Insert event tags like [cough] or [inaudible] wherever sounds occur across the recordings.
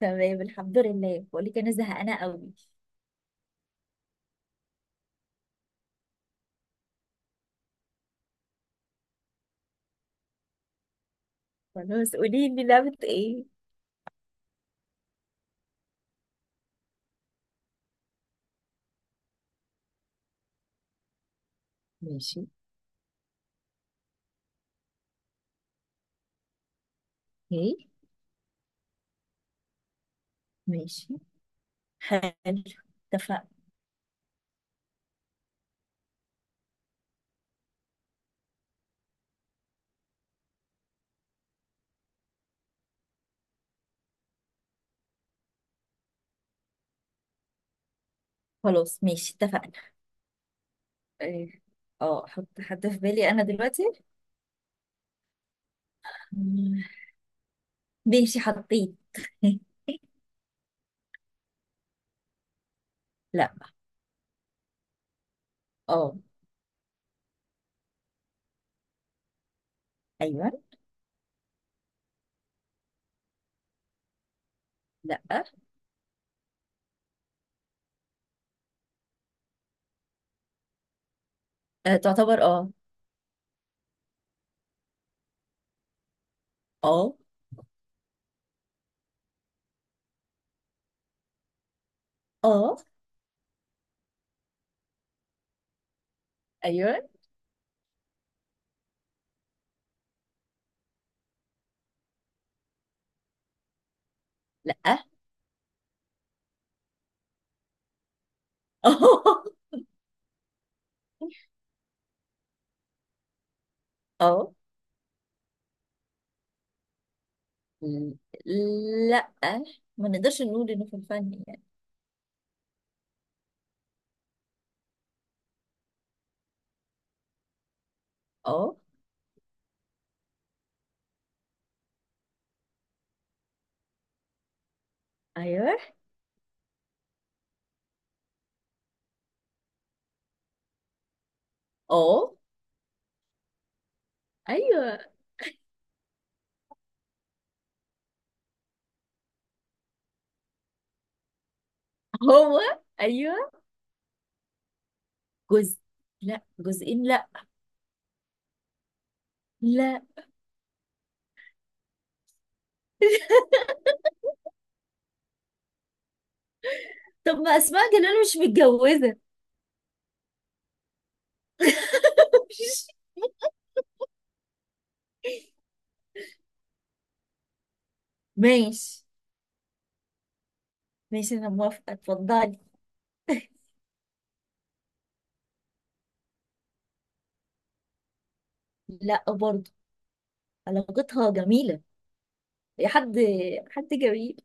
تمام، الحمد لله. بقول لك انا زهقانه قوي. خلاص، قولي لي لعبه ايه؟ ماشي. اوكي. ماشي. حلو. اتفقنا. خلاص، ماشي، اتفقنا. إيه، اه احط حد في بالي انا دلوقتي. مم، ماشي، حطيت. [laughs] لا. اه. ايوه. لا. أه، تعتبر اه. اه. اه. ايوه. لا. اه. [laughs] اه. ل- لا، ما نقدرش نقول انه في الفن يعني. اه. ايوه. اه. ايوه. هو. ايوه. جزء. لا، جزئين. لا. لا. طب ما اسماء جلال مش متجوزه؟ [laughs] ماشي، ماشي، انا موافقه، اتفضلي. لا برضه. علاقتها جميله، يا حد، حد جميل.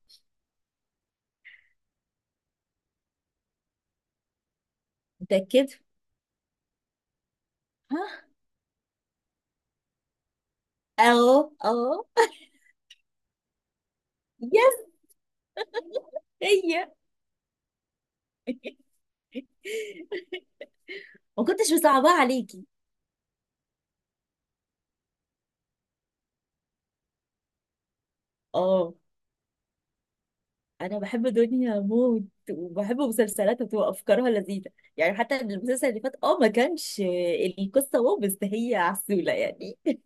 متاكد. ها. اه. اه. يس. هي. [laughs] ما كنتش مصعباها عليكي. اه، انا بحب دنيا موت، وبحب مسلسلاتها، بتبقى افكارها لذيذه. يعني حتى المسلسل اللي فات ما كانش القصه واو، بس هي عسوله يعني. [laughs]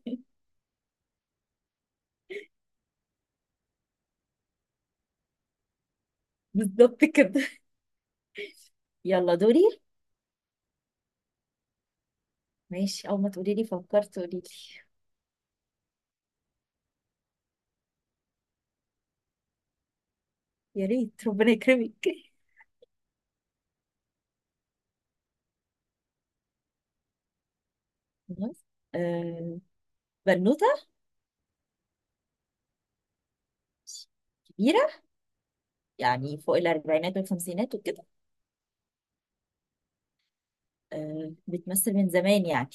بالظبط كده. يلا دوري. ماشي، اول ما تقولي لي فكرت قولي لي. يا ريت ربنا يكرمك. خلاص. آه، بنوته كبيره، يعني فوق الاربعينات والخمسينات وكده. آه، بتمثل من زمان يعني.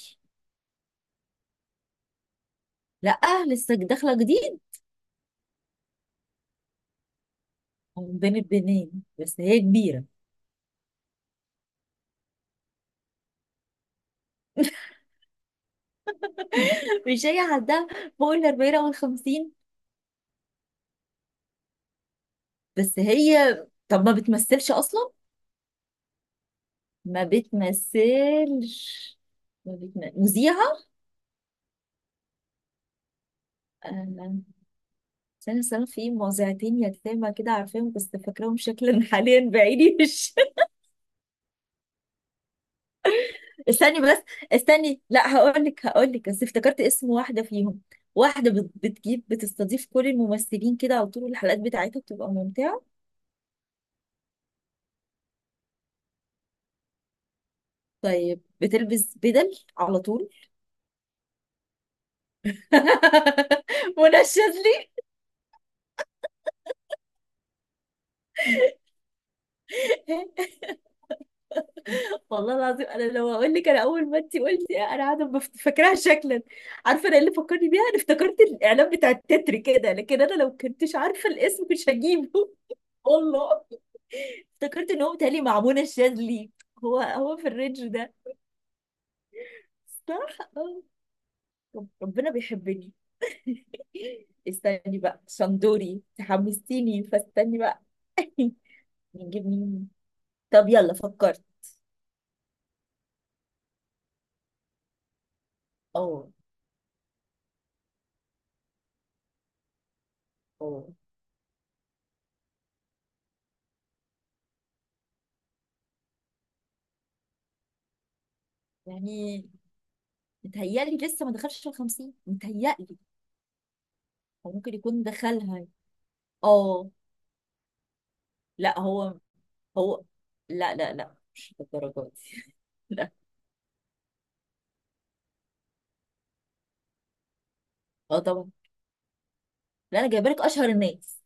لا، لسه داخله جديد، من بين البنين، بس هي كبيره. [laughs] مش هي عندها فوق الاربعين او الخمسين؟ بس هي طب ما بتمثلش اصلا. ما بتمثلش. ما بتم... مذيعة. آه، سنة سنة في مذيعتين يتامى كده، عارفاهم بس فاكراهم شكلا. [laughs] حاليا بعيني مش. [laughs] استني بس. استني، لا، هقول لك، بس افتكرت اسم واحدة فيهم. واحدة بتجيب، بتستضيف كل الممثلين كده على طول، الحلقات بتاعتها بتبقى ممتعة. طيب بتلبس بدل على طول. [laughs] منشز لي. [laughs] والله العظيم انا لو هقول لك، انا اول ما انت قلتي انا قاعده فاكراها شكلا. عارفه انا إيه اللي فكرني بيها؟ انا افتكرت الاعلان بتاع التتر كده، لكن انا لو كنتش عارفه الاسم مش هجيبه. [laughs] والله افتكرت ان هو متهيألي مع منى الشاذلي، هو هو في الرينج ده. صح. آه. ربنا بيحبني. استني بقى شندوري، تحمستيني، فاستني بقى. نجيب مين؟ طب يلا فكرت. اه. اه، يعني متهيألي لسه ما دخلش ال 50، متهيألي. هو ممكن يكون دخلها. اه. لا هو. هو. لا، لا، لا، مش للدرجه دي. [laughs] لا. اه طبعا. لا، انا جايبه لك اشهر الناس.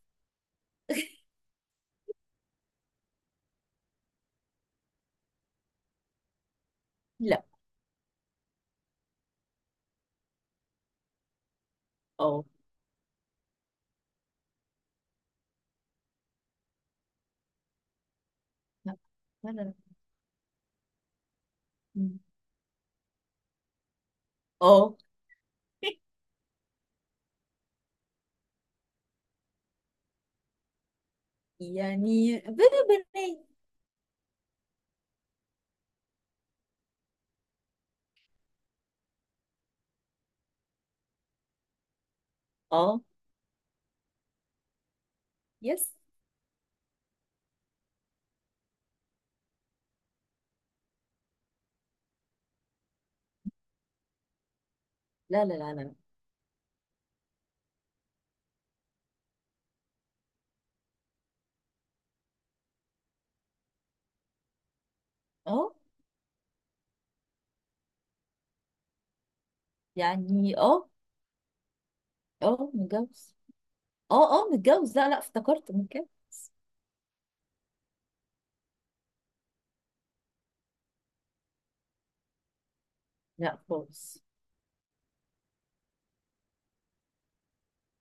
لا. اه. لا، لا، لا، لا. مم. اه. [laughs] يعني بيبي بنات. اه. يس. لا، لا، لا، لا، لا. اه، يعني اه. اه متجوز. اه، اه، متجوز. لا، لا، افتكرت متجوز. لا خالص.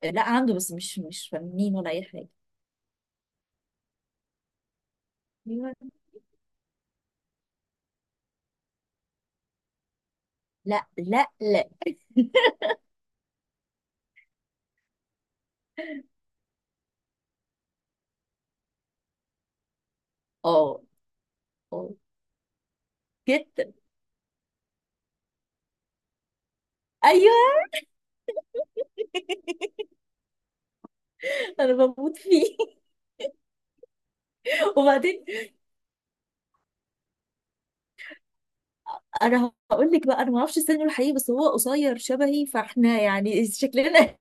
لا، عنده، بس مش فنانين ولا اي حاجه. أيوة. لا، لا، لا. اه. اه جدا. ايوه. [laughs] انا بموت فيه. [laughs] وبعدين، انا هقول لك بقى، انا ما اعرفش سنه الحقيقي، بس هو قصير شبهي، فاحنا يعني شكلنا.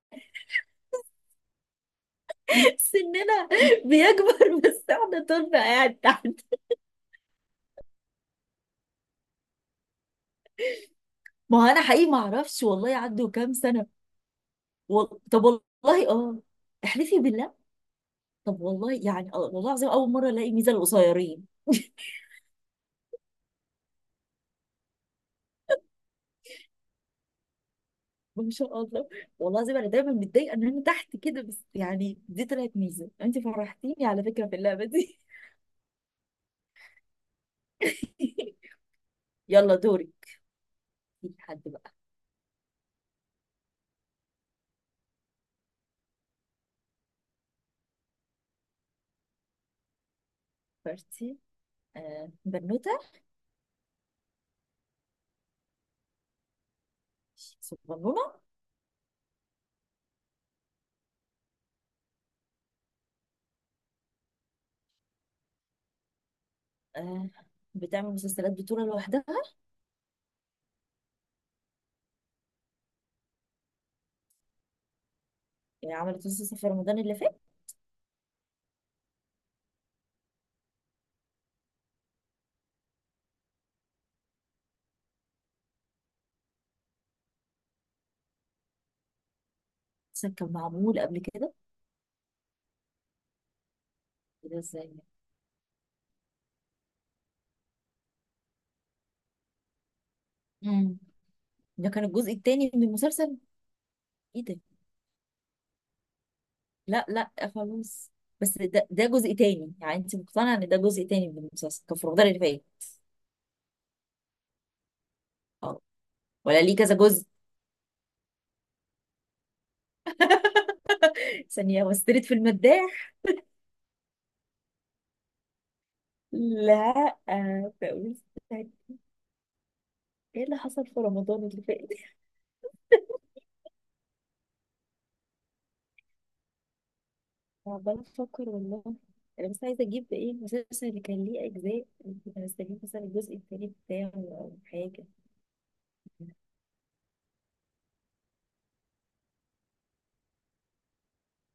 [laughs] سننا بيكبر بس احنا طولنا قاعد تحت. ما هو انا حقيقي ما اعرفش والله عنده كام سنه. طب والله. اه، احلفي بالله. طب والله يعني. آه، والله العظيم اول مره الاقي ميزه القصيرين. [laughs] ما شاء الله، والله العظيم انا دايما متضايقه ان انا تحت كده، بس يعني دي طلعت ميزه، انت فرحتيني على فكره في اللعبه دي. [laughs] يلا دوري. في حد بقى. بارتي. آه، بنوتة صغنونة. آه، بتعمل مسلسلات بطولة لوحدها. يعني عملت مسلسل في رمضان اللي فات. مسلسل كان معمول قبل كده؟ إيه ده ازاي يعني؟ امم. ده كان الجزء التاني من المسلسل. ايه ده؟ لا، لا، خلاص. بس ده جزء تاني، يعني انت مقتنعة ان ده جزء تاني من المسلسل كان في رمضان اللي فات؟ اه، ولا ليه كذا جزء؟ ثانية وسترت في المداح. لا. آه، فقلت. ايه اللي حصل في رمضان اللي فات؟ عمالة أفكر والله. أنا بس عايزة أجيب إيه المسلسل اللي كان ليه أجزاء، كنت هستجيب مثلا الجزء التاني بتاعه أو حاجة.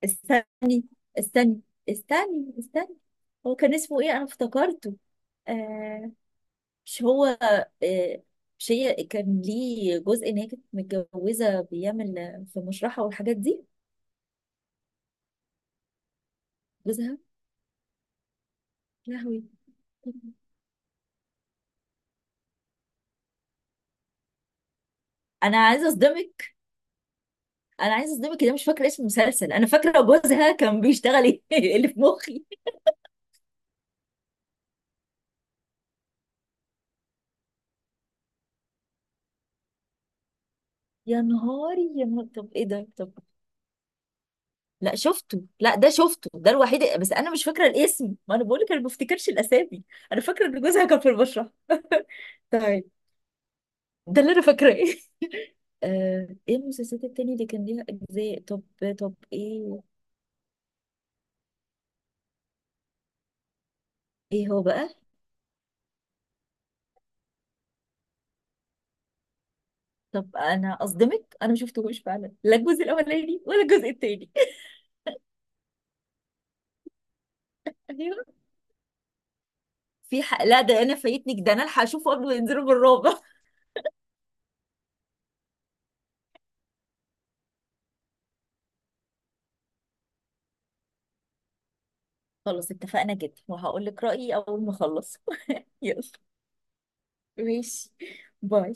استني، استني، استني، استني. هو كان اسمه إيه؟ أنا افتكرته. آه، مش هو. آه، مش هي كان ليه جزء إن هي كانت متجوزة بيعمل في مشرحة والحاجات دي، جوزها؟ لهوي. انا عايزه اصدمك. انا عايزه اصدمك إن انا مش فاكره اسم المسلسل، انا فاكره جوزها كان بيشتغل ايه [laughs] اللي في مخي. يا نهاري يا نهار، طب ايه ده طب؟ لا شفته، لا ده شفته، ده الوحيد، بس انا مش فاكره الاسم، ما انا بقول لك انا ما بفتكرش الاسامي. انا فاكره ان جوزها كان في البشره. [laughs] طيب، ده اللي انا فاكراه. [laughs] آه، ايه المسلسلات التانية اللي كان ليها اجزاء طب؟ طب ايه، ايه هو بقى؟ طب انا اصدمك، انا ما شفتهوش فعلا، لا الجزء الاولاني ولا الجزء التاني. [laughs] ايوه، في حق، لا ده انا فايتني، ده انا الحق اشوفه قبل ما ينزلوا بالرابع. [laughs] خلاص، اتفقنا جدا، وهقول لك رايي اول ما اخلص. [laughs] يلا. ماشي. باي.